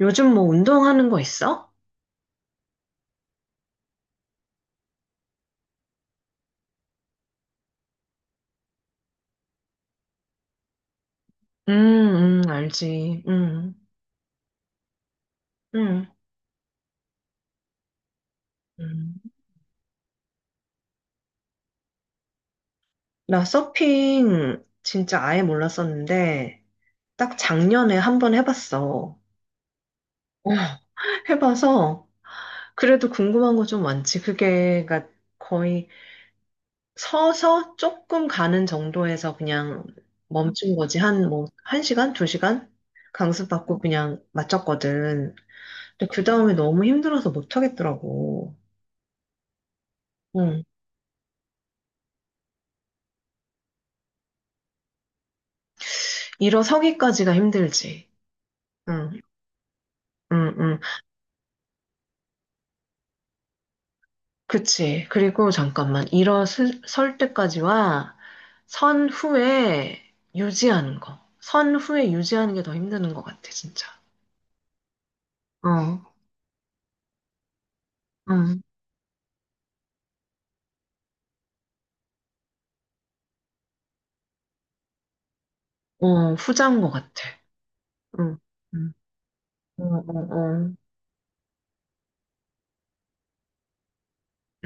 요즘 뭐 운동하는 거 있어? 알지. 음, 음. 나 서핑 진짜 아예 몰랐었는데, 딱 작년에 한번 해봤어. 어, 해봐서, 그래도 궁금한 거 좀 많지. 그게, 그러니까 거의 서서 조금 가는 정도에서 그냥 멈춘 거지. 한 뭐, 한 시간, 두 시간? 강습받고 그냥 마쳤거든. 근데 그 다음에 너무 힘들어서 못 하겠더라고. 일어서기까지가 힘들지. 응, 응, 응. 그치. 그리고 잠깐만. 일어설 때까지와 선 후에 유지하는 거. 선 후에 유지하는 게 더 힘드는 것 같아, 진짜. 어, 응, 후자인 것 같아. 응, 응, 어, 어, 어.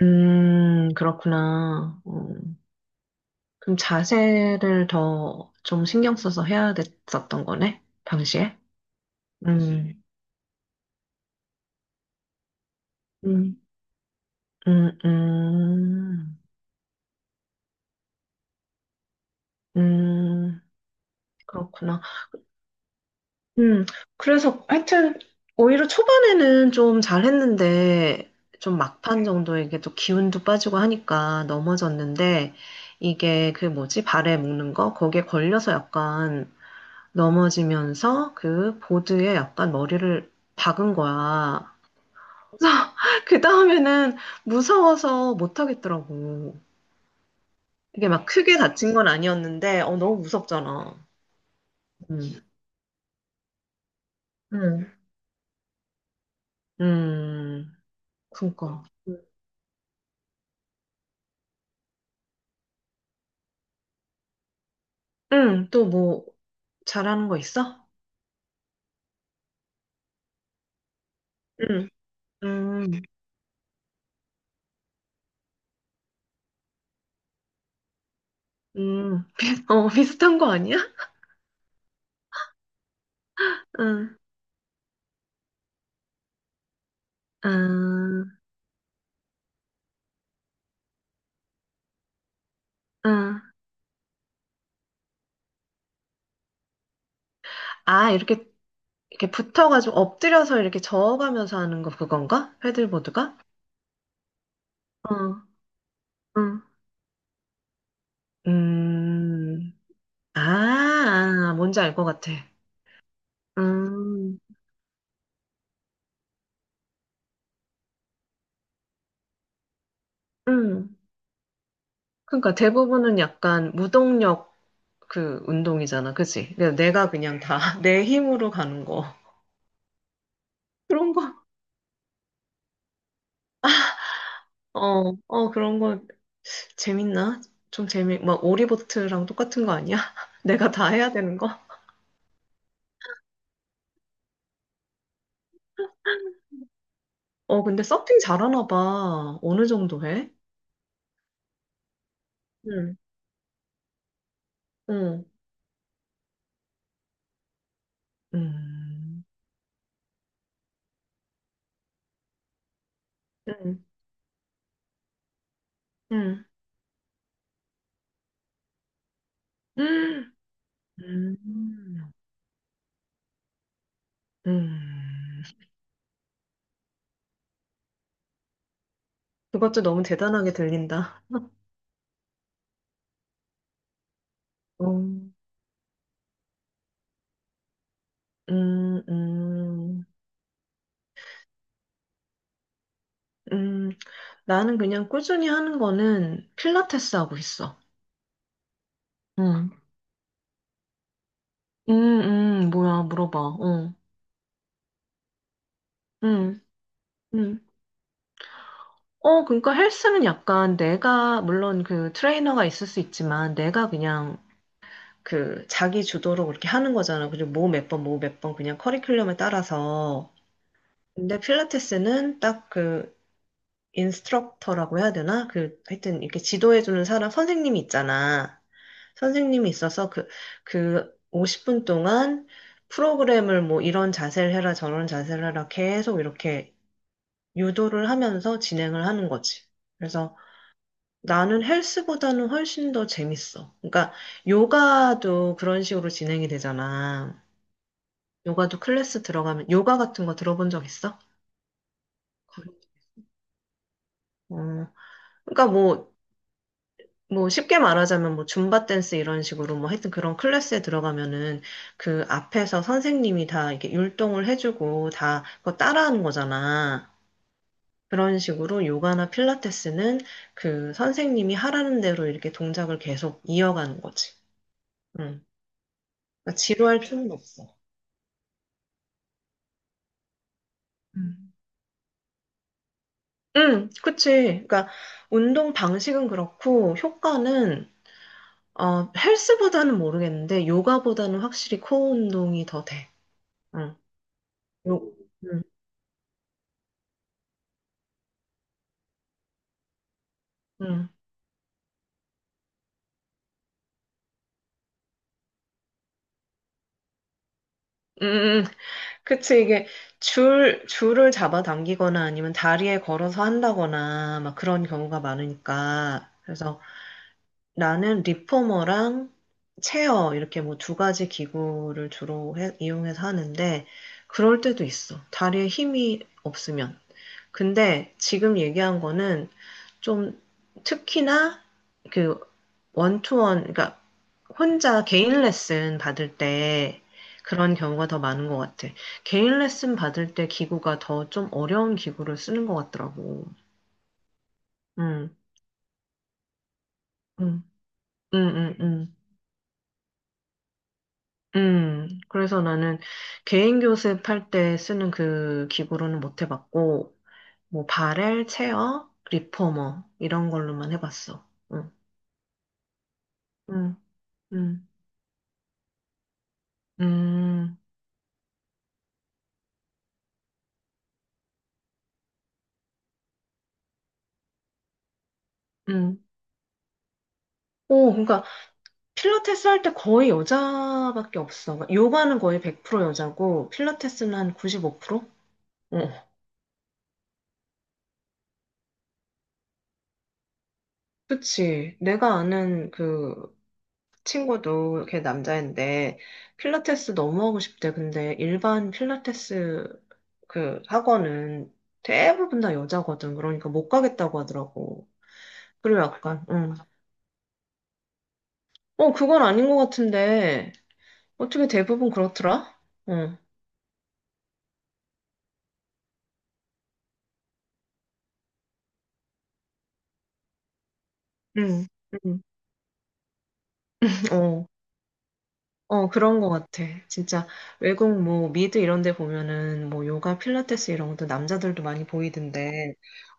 그렇구나. 그럼 자세를 더 좀 신경 써서 해야 됐었던 거네, 당시에? 음, 음, 음, 음. 음, 그렇구나. 음, 그래서 하여튼 오히려 초반에는 좀 잘했는데 좀 막판 정도에 이게 또 기운도 빠지고 하니까 넘어졌는데 이게 그 뭐지? 발에 묶는 거? 거기에 걸려서 약간 넘어지면서 그 보드에 약간 머리를 박은 거야. 그래서 그 다음에는 무서워서 못 하겠더라고. 이게 막 크게 다친 건 아니었는데 어, 너무 무섭잖아. 음. 음 음. 그니까. 음. 응, 또 뭐, 잘하는 거 있어? 응. 음, 어, 비슷한 거 아니야? 응, 응, 응. 아, 이렇게, 이렇게 붙어가지고 엎드려서 이렇게 저어가면서 하는 거 그건가? 패들보드가? 응, 응. 음, 아, 아, 뭔지 알 것 같아. 음, 음. 그러니까 대부분은 약간 무동력 그 운동이잖아, 그치? 그냥 내가 그냥 다 내 힘으로 가는 거. 그런 거. 어, 어, 그런 거 재밌나? 좀 재미, 막 오리보트랑 똑같은 거 아니야? 내가 다 해야 되는 거? 어, 근데 서핑 잘하나 봐. 어느 정도 해? 응, 응, 음, 응, 응, 응 음, 음. 그것도 너무 대단하게 들린다. 음, 음, 음, 음. 나는 그냥 꾸준히 하는 거는 필라테스 하고 있어. 응, 음, 뭐야, 물어봐. 응, 응. 어, 그러니까 헬스는 약간 내가, 물론 그 트레이너가 있을 수 있지만, 내가 그냥 그 자기 주도로 그렇게 하는 거잖아. 그리고 뭐 몇 번, 뭐 몇 번 그냥 커리큘럼에 따라서. 근데 필라테스는 딱 그 인스트럭터라고 해야 되나? 그 하여튼 이렇게 지도해주는 사람, 선생님이 있잖아. 선생님이 있어서 그, 그 50분 동안 프로그램을 뭐 이런 자세를 해라, 저런 자세를 해라 계속 이렇게 유도를 하면서 진행을 하는 거지. 그래서 나는 헬스보다는 훨씬 더 재밌어. 그러니까 요가도 그런 식으로 진행이 되잖아. 요가도 클래스 들어가면 요가 같은 거 들어본 적 있어? 거의. 어, 그러니까 뭐, 뭐 쉽게 말하자면 뭐 줌바 댄스 이런 식으로 뭐 하여튼 그런 클래스에 들어가면은 그 앞에서 선생님이 다 이렇게 율동을 해주고 다 그거 따라하는 거잖아. 그런 식으로 요가나 필라테스는 그 선생님이 하라는 대로 이렇게 동작을 계속 이어가는 거지. 응. 그러니까 지루할 필요는 없어. 음. 응, 그치. 그러니까 운동 방식은 그렇고 효과는 어, 헬스보다는 모르겠는데 요가보다는 확실히 코어 운동이 더 돼. 응. 요, 응, 응. 음, 음. 음. 그치. 이게 줄을 잡아당기거나 아니면 다리에 걸어서 한다거나 막 그런 경우가 많으니까. 그래서 나는 리포머랑 체어 이렇게 뭐 두 가지 기구를 주로 이용해서 하는데 그럴 때도 있어. 다리에 힘이 없으면. 근데 지금 얘기한 거는 좀 특히나 그 원투원, 그러니까 혼자 개인 레슨 받을 때 그런 경우가 더 많은 것 같아. 개인 레슨 받을 때 기구가 더 좀 어려운 기구를 쓰는 것 같더라고. 음, 음, 음, 음, 음. 그래서 나는 개인 교습할 때 쓰는 그 기구로는 못 해봤고, 뭐, 바렐, 체어, 리포머, 이런 걸로만 해봤어. 응, 응, 응. 음, 음. 오, 그러니까 필라테스 할 때 거의 여자밖에 없어. 그러니까 요가는 거의 100% 여자고 필라테스는 한 95%? 어, 그치. 내가 아는 그 친구도 걔 남자인데 필라테스 너무 하고 싶대. 근데 일반 필라테스 그 학원은 대부분 다 여자거든. 그러니까 못 가겠다고 하더라고. 그리고 약간, 응. 어, 그건 아닌 것 같은데 어떻게 대부분 그렇더라? 응, 응, 응. 어. 어, 그런 것 같아. 진짜 외국 뭐 미드 이런 데 보면은 뭐 요가, 필라테스 이런 것도 남자들도 많이 보이던데,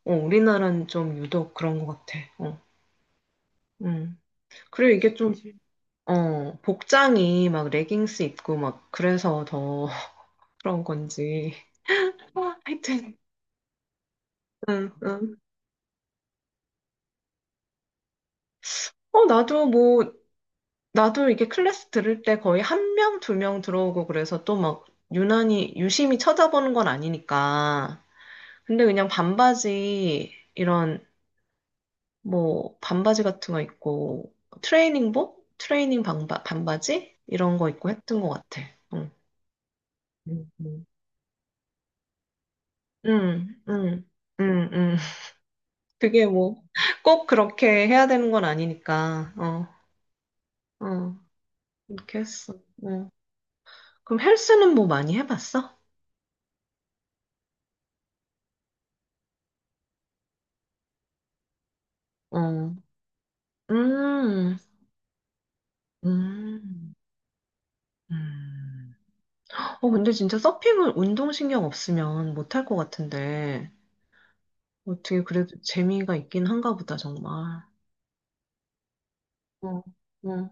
어, 우리나라는 좀 유독 그런 것 같아. 음. 그리고 이게 좀, 어, 복장이 막 레깅스 입고 막 그래서 더 그런 건지. 어, 하여튼, 응, 응. 어, 나도 뭐, 나도 이게 클래스 들을 때 거의 한 명, 두 명 들어오고 그래서 또 막 유난히 유심히 쳐다보는 건 아니니까. 근데 그냥 반바지 이런 뭐 반바지 같은 거 있고 트레이닝복, 트레이닝 반바지 이런 거 있고 했던 것 같아. 응, 음, 음. 응, 응, 응, 응. 그게 뭐 꼭 그렇게 해야 되는 건 아니니까. 어, 어, 이렇게 했어. 어. 그럼 헬스는 뭐 많이 해봤어? 어, 음, 음, 음. 어, 근데 진짜 서핑은 운동신경 없으면 못할 것 같은데. 어떻게 그래도 재미가 있긴 한가 보다, 정말. 응, 응.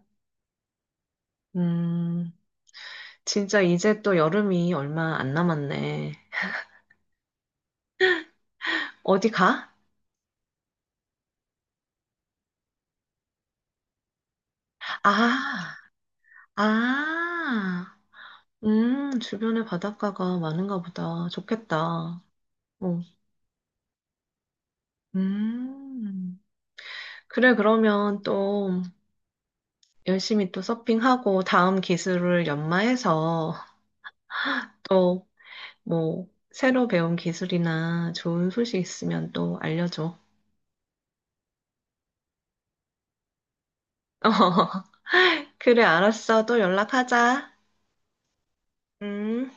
음, 진짜 이제 또 여름이 얼마 안 남았네. 어디 가? 아, 아, 주변에 바닷가가 많은가 보다. 좋겠다. 어, 음. 그래, 그러면 또 열심히 또 서핑하고 다음 기술을 연마해서 또 뭐 새로 배운 기술이나 좋은 소식 있으면 또 알려줘. 그래, 알았어. 또 연락하자. 음.